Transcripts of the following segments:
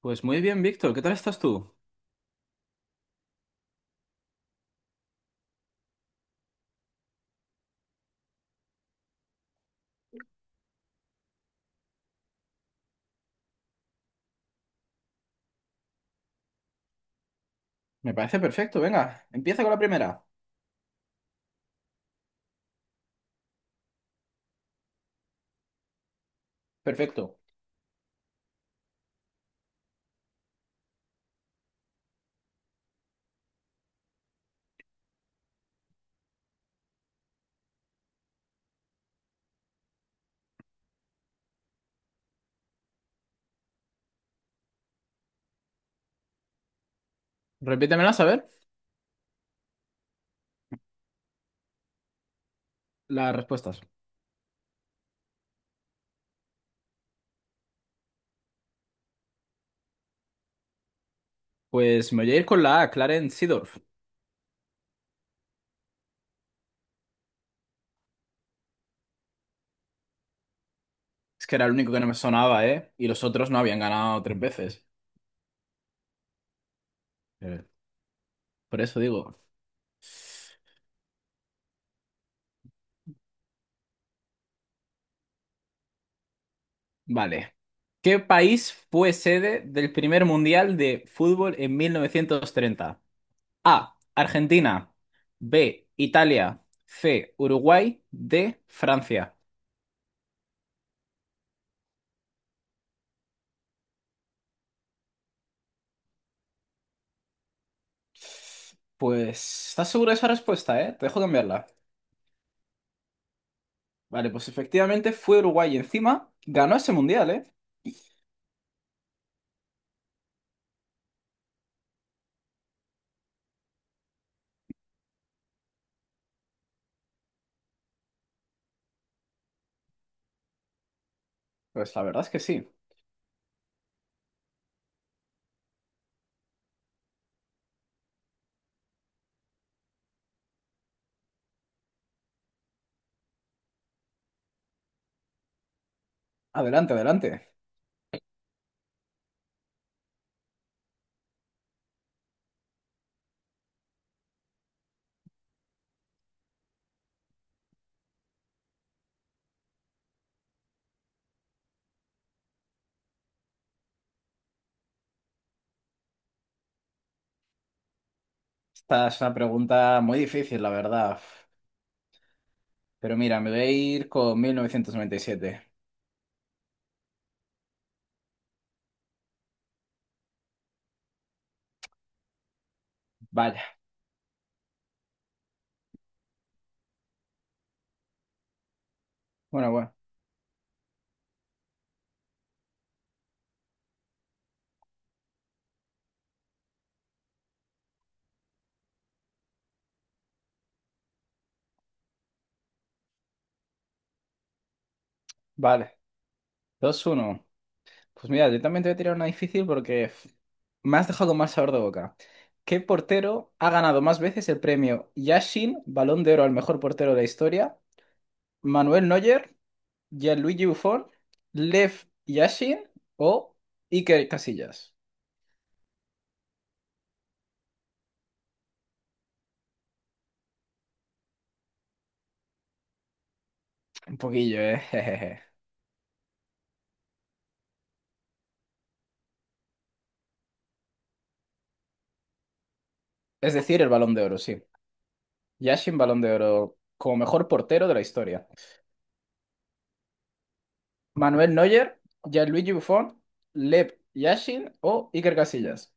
Pues muy bien, Víctor, ¿qué tal estás tú? Me parece perfecto, venga, empieza con la primera. Perfecto. Repítemelas a ver las respuestas. Pues me voy a ir con la A, Clarence Seedorf. Es que era el único que no me sonaba, ¿eh? Y los otros no habían ganado tres veces. Eh, Por eso digo. Vale. ¿Qué país fue sede del primer mundial de fútbol en 1930? A. Argentina. B. Italia. C. Uruguay. D. Francia. Pues, ¿estás seguro de esa respuesta, eh? Te dejo cambiarla. Vale, pues efectivamente fue Uruguay y encima ganó ese mundial, ¿eh? Pues la verdad es que sí. Adelante, adelante. Esta es una pregunta muy difícil, la verdad. Pero mira, me voy a ir con 1997. Vaya. Bueno, bueno. Vale. Dos uno. Pues mira, yo también te voy a tirar una difícil porque me has dejado con mal sabor de boca. ¿Qué portero ha ganado más veces el premio Yashin, Balón de Oro al mejor portero de la historia? ¿Manuel Neuer? Gianluigi Buffon, Lev Yashin o Iker Casillas. Un poquillo, ¿eh? Jejeje. Es decir, el Balón de Oro, sí. Yashin, Balón de Oro, como mejor portero de la historia. Manuel Neuer, Gianluigi Buffon, Lev Yashin o Iker Casillas.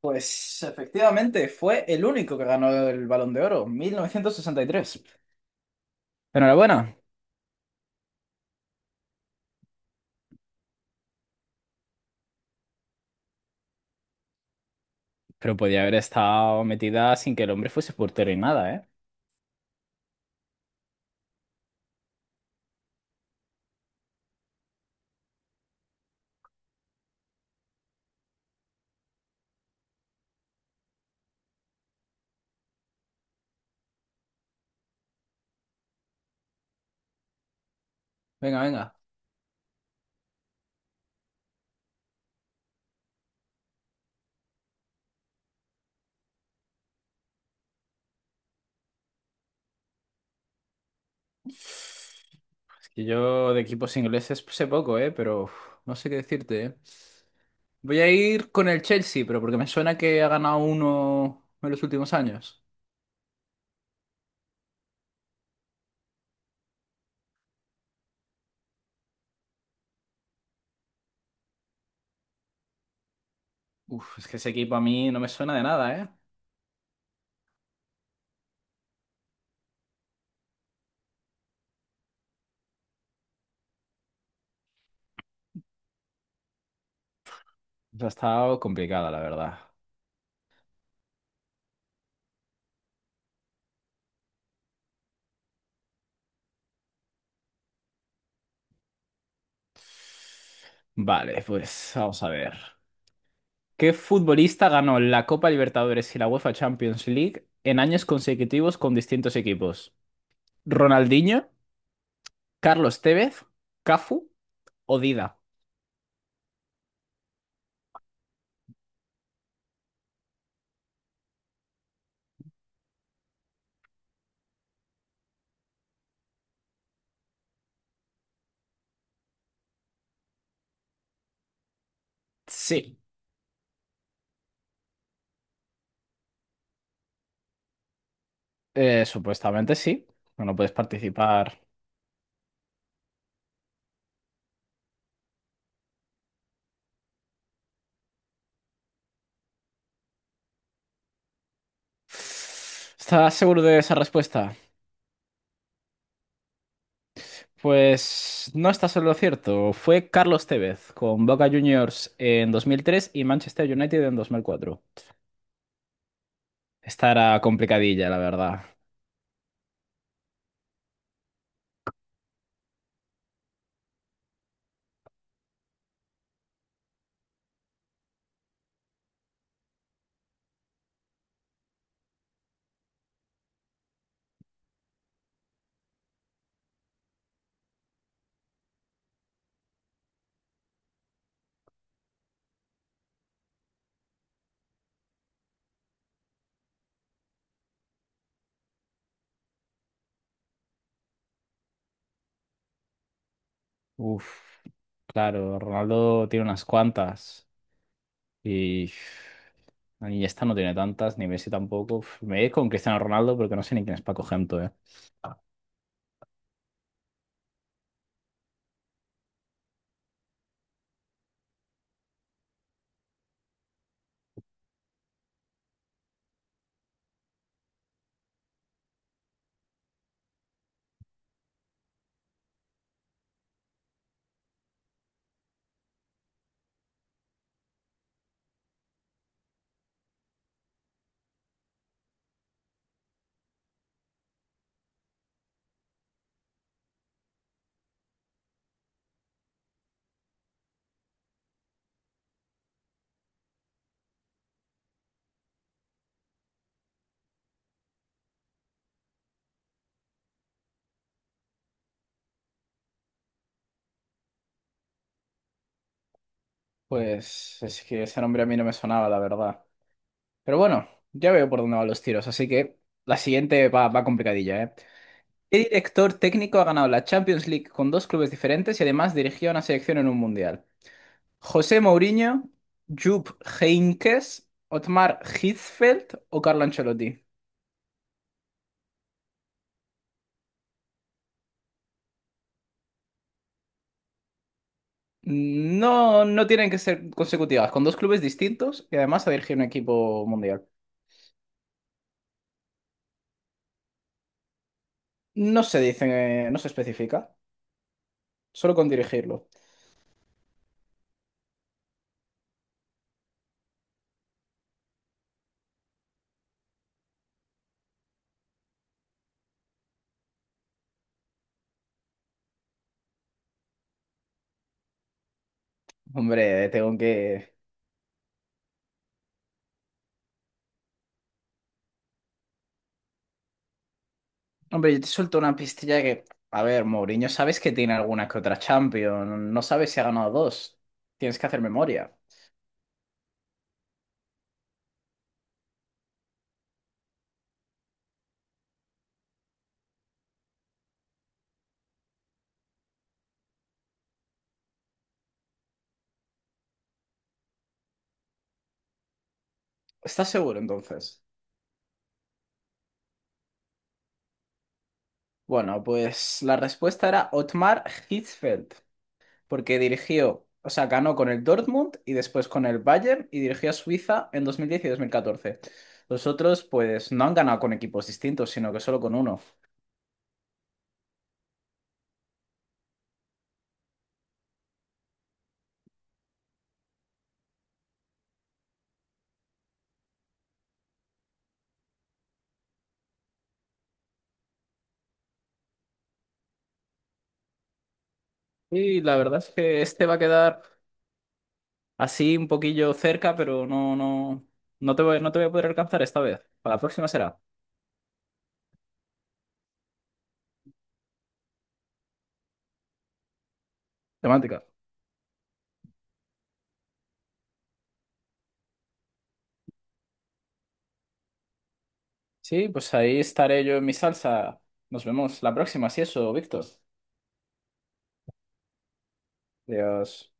Pues efectivamente fue el único que ganó el Balón de Oro, 1963. Enhorabuena. Pero podía haber estado metida sin que el hombre fuese portero y nada, ¿eh? Venga, venga. Y yo de equipos ingleses sé poco, ¿eh? Pero uf, no sé qué decirte, ¿eh? Voy a ir con el Chelsea, pero porque me suena que ha ganado uno en los últimos años. Uf, es que ese equipo a mí no me suena de nada, ¿eh? Ha estado complicada, la verdad. Vale, pues vamos a ver. ¿Qué futbolista ganó la Copa Libertadores y la UEFA Champions League en años consecutivos con distintos equipos? ¿Ronaldinho, Carlos Tevez, Cafu o Dida? Sí. Supuestamente sí. No puedes participar. ¿Estás seguro de esa respuesta? Pues no estás en lo cierto. Fue Carlos Tevez con Boca Juniors en 2003 y Manchester United en 2004. Esta era complicadilla, la verdad. Uf, claro, Ronaldo tiene unas cuantas y esta no tiene tantas, ni Messi tampoco. Uf, me voy a ir con Cristiano Ronaldo porque no sé ni quién es Paco Gento, eh. Pues es que ese nombre a mí no me sonaba, la verdad. Pero bueno, ya veo por dónde van los tiros, así que la siguiente va complicadilla, ¿eh? ¿Qué director técnico ha ganado la Champions League con dos clubes diferentes y además dirigió a una selección en un mundial? ¿José Mourinho, Jupp Heynckes, Otmar Hitzfeld o Carlo Ancelotti? No, no tienen que ser consecutivas, con dos clubes distintos y además a dirigir un equipo mundial. No se dice, no se especifica, solo con dirigirlo. Hombre, tengo que... Hombre, yo te suelto una pistilla que, a ver, Mourinho, sabes que tiene alguna que otra Champions, no sabes si ha ganado dos. Tienes que hacer memoria. ¿Estás seguro entonces? Bueno, pues la respuesta era Otmar Hitzfeld, porque dirigió, o sea, ganó con el Dortmund y después con el Bayern y dirigió a Suiza en 2010 y 2014. Los otros, pues, no han ganado con equipos distintos, sino que solo con uno. Y la verdad es que este va a quedar así un poquillo cerca, pero no, no, no te voy a poder alcanzar esta vez. Para la próxima será. Temática. Sí, pues ahí estaré yo en mi salsa. Nos vemos la próxima, si eso, Víctor. Adiós.